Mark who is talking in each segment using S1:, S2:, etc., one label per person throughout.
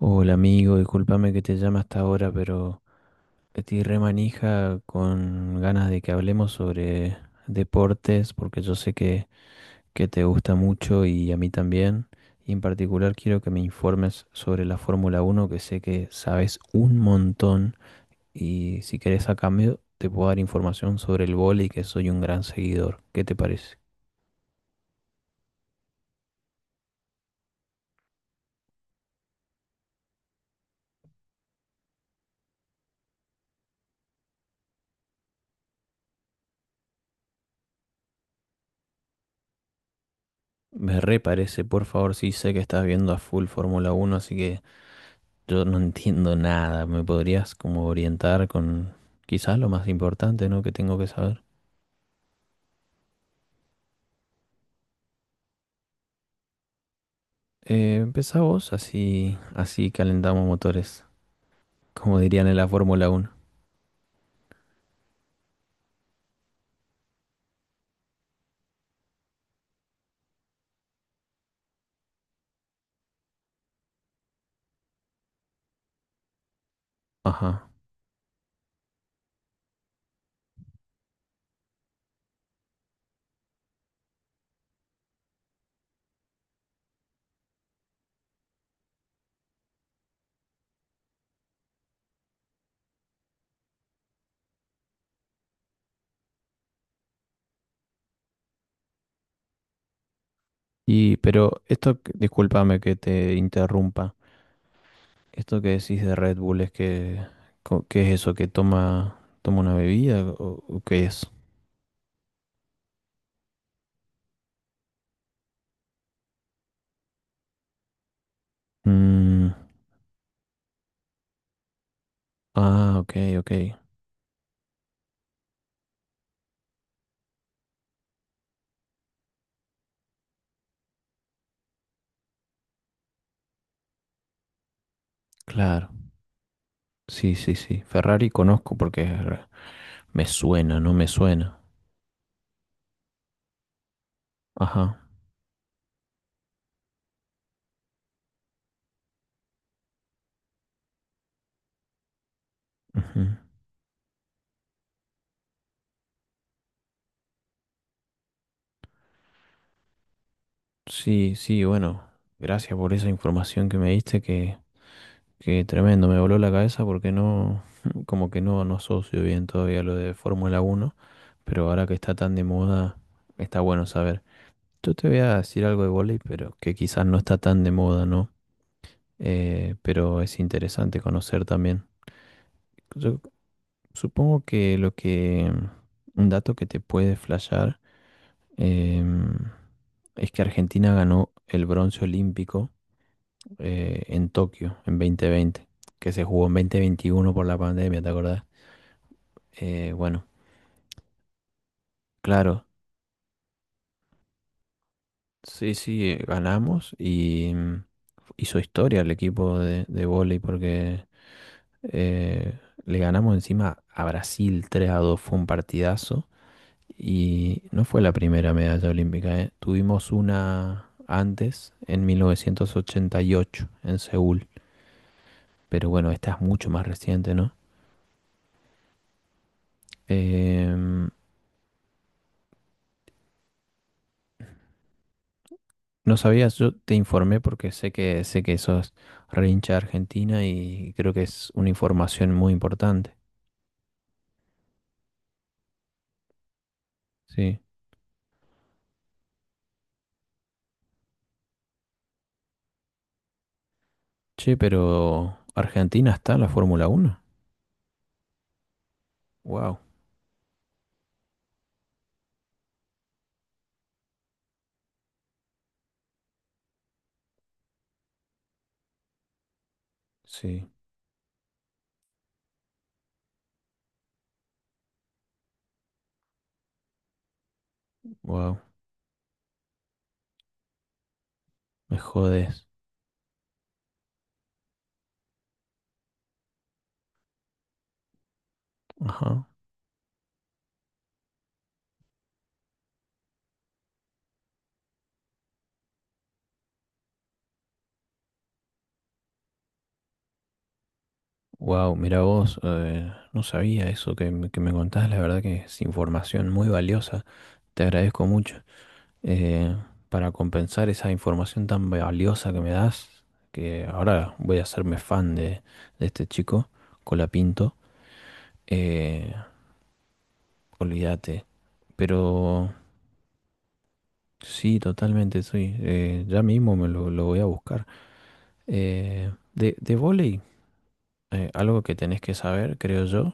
S1: Hola amigo, discúlpame que te llame hasta ahora, pero estoy re manija con ganas de que hablemos sobre deportes, porque yo sé que te gusta mucho y a mí también. Y en particular quiero que me informes sobre la Fórmula Uno, que sé que sabes un montón. Y si querés a cambio, te puedo dar información sobre el vóley, que soy un gran seguidor. ¿Qué te parece? Me re parece, por favor, sí sé que estás viendo a full Fórmula Uno, así que yo no entiendo nada. ¿Me podrías como orientar con quizás lo más importante, ¿no?, que tengo que saber? Empezá vos, así, así calentamos motores, como dirían en la Fórmula Uno. Ajá. Y pero esto, discúlpame que te interrumpa. Esto que decís de Red Bull es que, ¿qué es eso? ¿Que toma, toma una bebida o qué es? Mm, ah, ok, ok. Claro. Sí, sí, sí. Ferrari conozco porque me suena, no me suena. Ajá. Ujú. Sí, sí, bueno, gracias por esa información que me diste, que tremendo, me voló la cabeza porque no, como que no, no asocio bien todavía lo de Fórmula Uno, pero ahora que está tan de moda, está bueno saber. Yo te voy a decir algo de vóley, pero que quizás no está tan de moda, ¿no? Pero es interesante conocer también. Yo supongo que lo que, un dato que te puede flashear, em, es que Argentina ganó el bronce olímpico en Tokio en 2020, que se jugó en 2021 por la pandemia, ¿te acordás? Bueno, claro, sí, sí, ganamos y mm, hizo historia el equipo de vóley porque eh, le ganamos encima a Brasil 3-2, fue un partidazo y no fue la primera medalla olímpica, ¿eh? Tuvimos una antes en 1988 en Seúl, pero bueno, esta es mucho más reciente, ¿no? Em, No sabías, yo te informé porque sé que sos re hincha de Argentina y creo que es una información muy importante. Sí. Che, pero Argentina está en la Fórmula Uno. Wow. Sí. Wow. Me jodes. Ajá. Wow, mira vos, no sabía eso que, que me contás, la verdad que es información muy valiosa. Te agradezco mucho. eh, para compensar esa información tan valiosa que me das, que ahora voy a hacerme fan de este chico, Colapinto. Eh, Olvídate. Pero sí, totalmente, sí. Ya mismo me lo voy a buscar. De vóley, algo que tenés que saber, creo yo,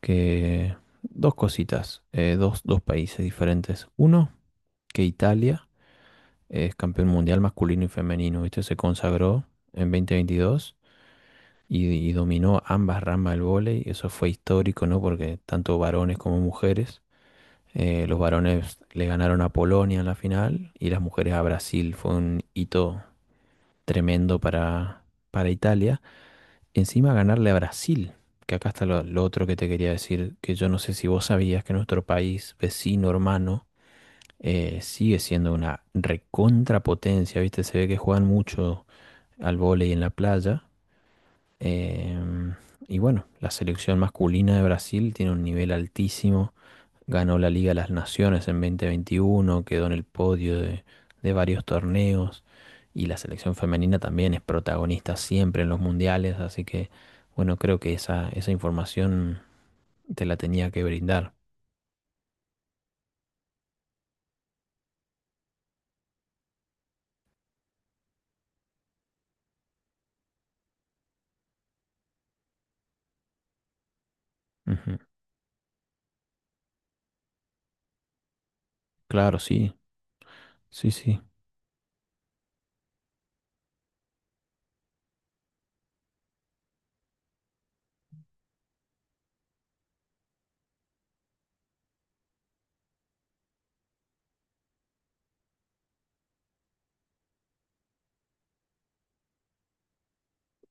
S1: que dos cositas, dos, dos países diferentes. Uno, que Italia es campeón mundial masculino y femenino, ¿viste? Se consagró en 2022 y dominó ambas ramas del vóley. Eso fue histórico, ¿no? Porque tanto varones como mujeres. Los varones le ganaron a Polonia en la final y las mujeres a Brasil. Fue un hito tremendo para Italia. Encima ganarle a Brasil, que acá está lo otro que te quería decir, que yo no sé si vos sabías que nuestro país vecino, hermano, sigue siendo una recontrapotencia, ¿viste? Se ve que juegan mucho al vóley en la playa. Em, y bueno, la selección masculina de Brasil tiene un nivel altísimo. Ganó la Liga de las Naciones en 2021, quedó en el podio de varios torneos. Y la selección femenina también es protagonista siempre en los mundiales. Así que, bueno, creo que esa información te la tenía que brindar. Ujú. Claro, sí, sí, sí.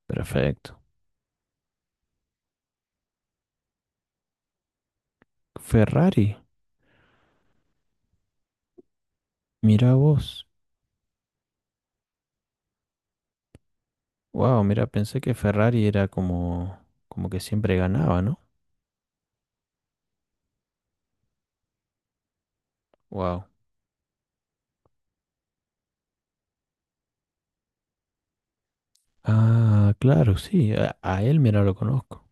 S1: Perfecto. Ferrari, mira vos. Wow, mira, pensé que Ferrari era como, como que siempre ganaba, ¿no? Wow. Ah, claro, sí. A él, mira, lo conozco.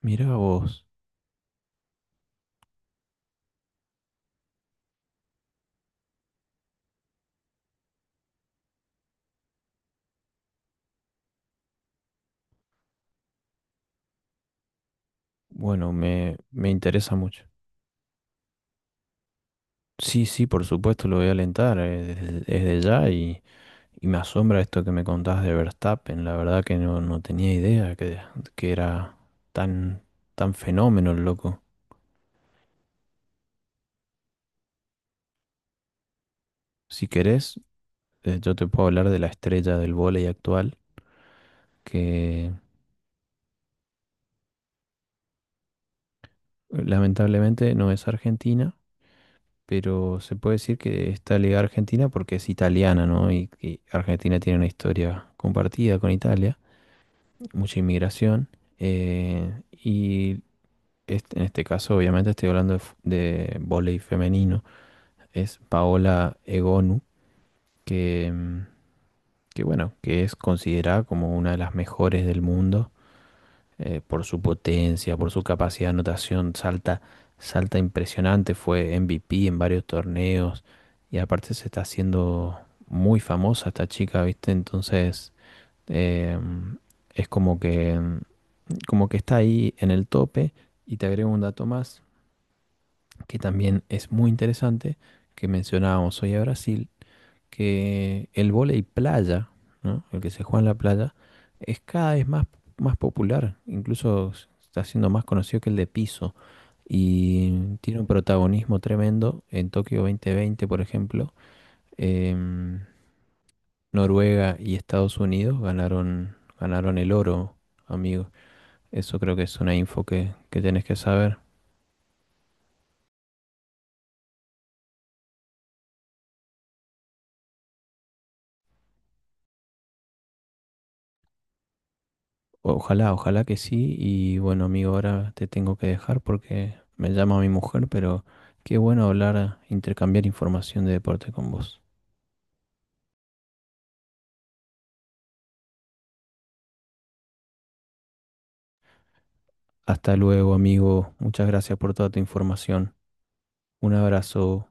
S1: Mira vos. Bueno, me interesa mucho. Sí, sí, por supuesto, lo voy a alentar desde, desde ya y me asombra esto que me contás de Verstappen. La verdad que no, no tenía idea que era tan, tan fenómeno el loco. Si querés, yo te puedo hablar de la estrella del vóley actual, que lamentablemente no es argentina pero se puede decir que está ligada a Argentina porque es italiana, ¿no? Y Argentina tiene una historia compartida con Italia, mucha inmigración. eh, y en este caso, obviamente, estoy hablando de, de vóley femenino. Es Paola Egonu, que, mm, que bueno, que es considerada como una de las mejores del mundo, por su potencia, por su capacidad de anotación, salta, salta impresionante, fue MVP en varios torneos y aparte se está haciendo muy famosa esta chica, ¿viste? Entonces eh, es como que está ahí en el tope y te agrego un dato más que también es muy interesante, que mencionábamos hoy a Brasil, que el vóley playa, ¿no? El que se juega en la playa, es cada vez más, más popular, incluso está siendo más conocido que el de piso y tiene un protagonismo tremendo en Tokio 2020, por ejemplo. em, Noruega y Estados Unidos ganaron, ganaron el oro, amigo. Eso creo que es una info que tenés que saber. Ojalá, ojalá que sí. Y bueno, amigo, ahora te tengo que dejar porque me llama mi mujer, pero qué bueno hablar, intercambiar información de deporte con vos. Hasta luego, amigo. Muchas gracias por toda tu información. Un abrazo.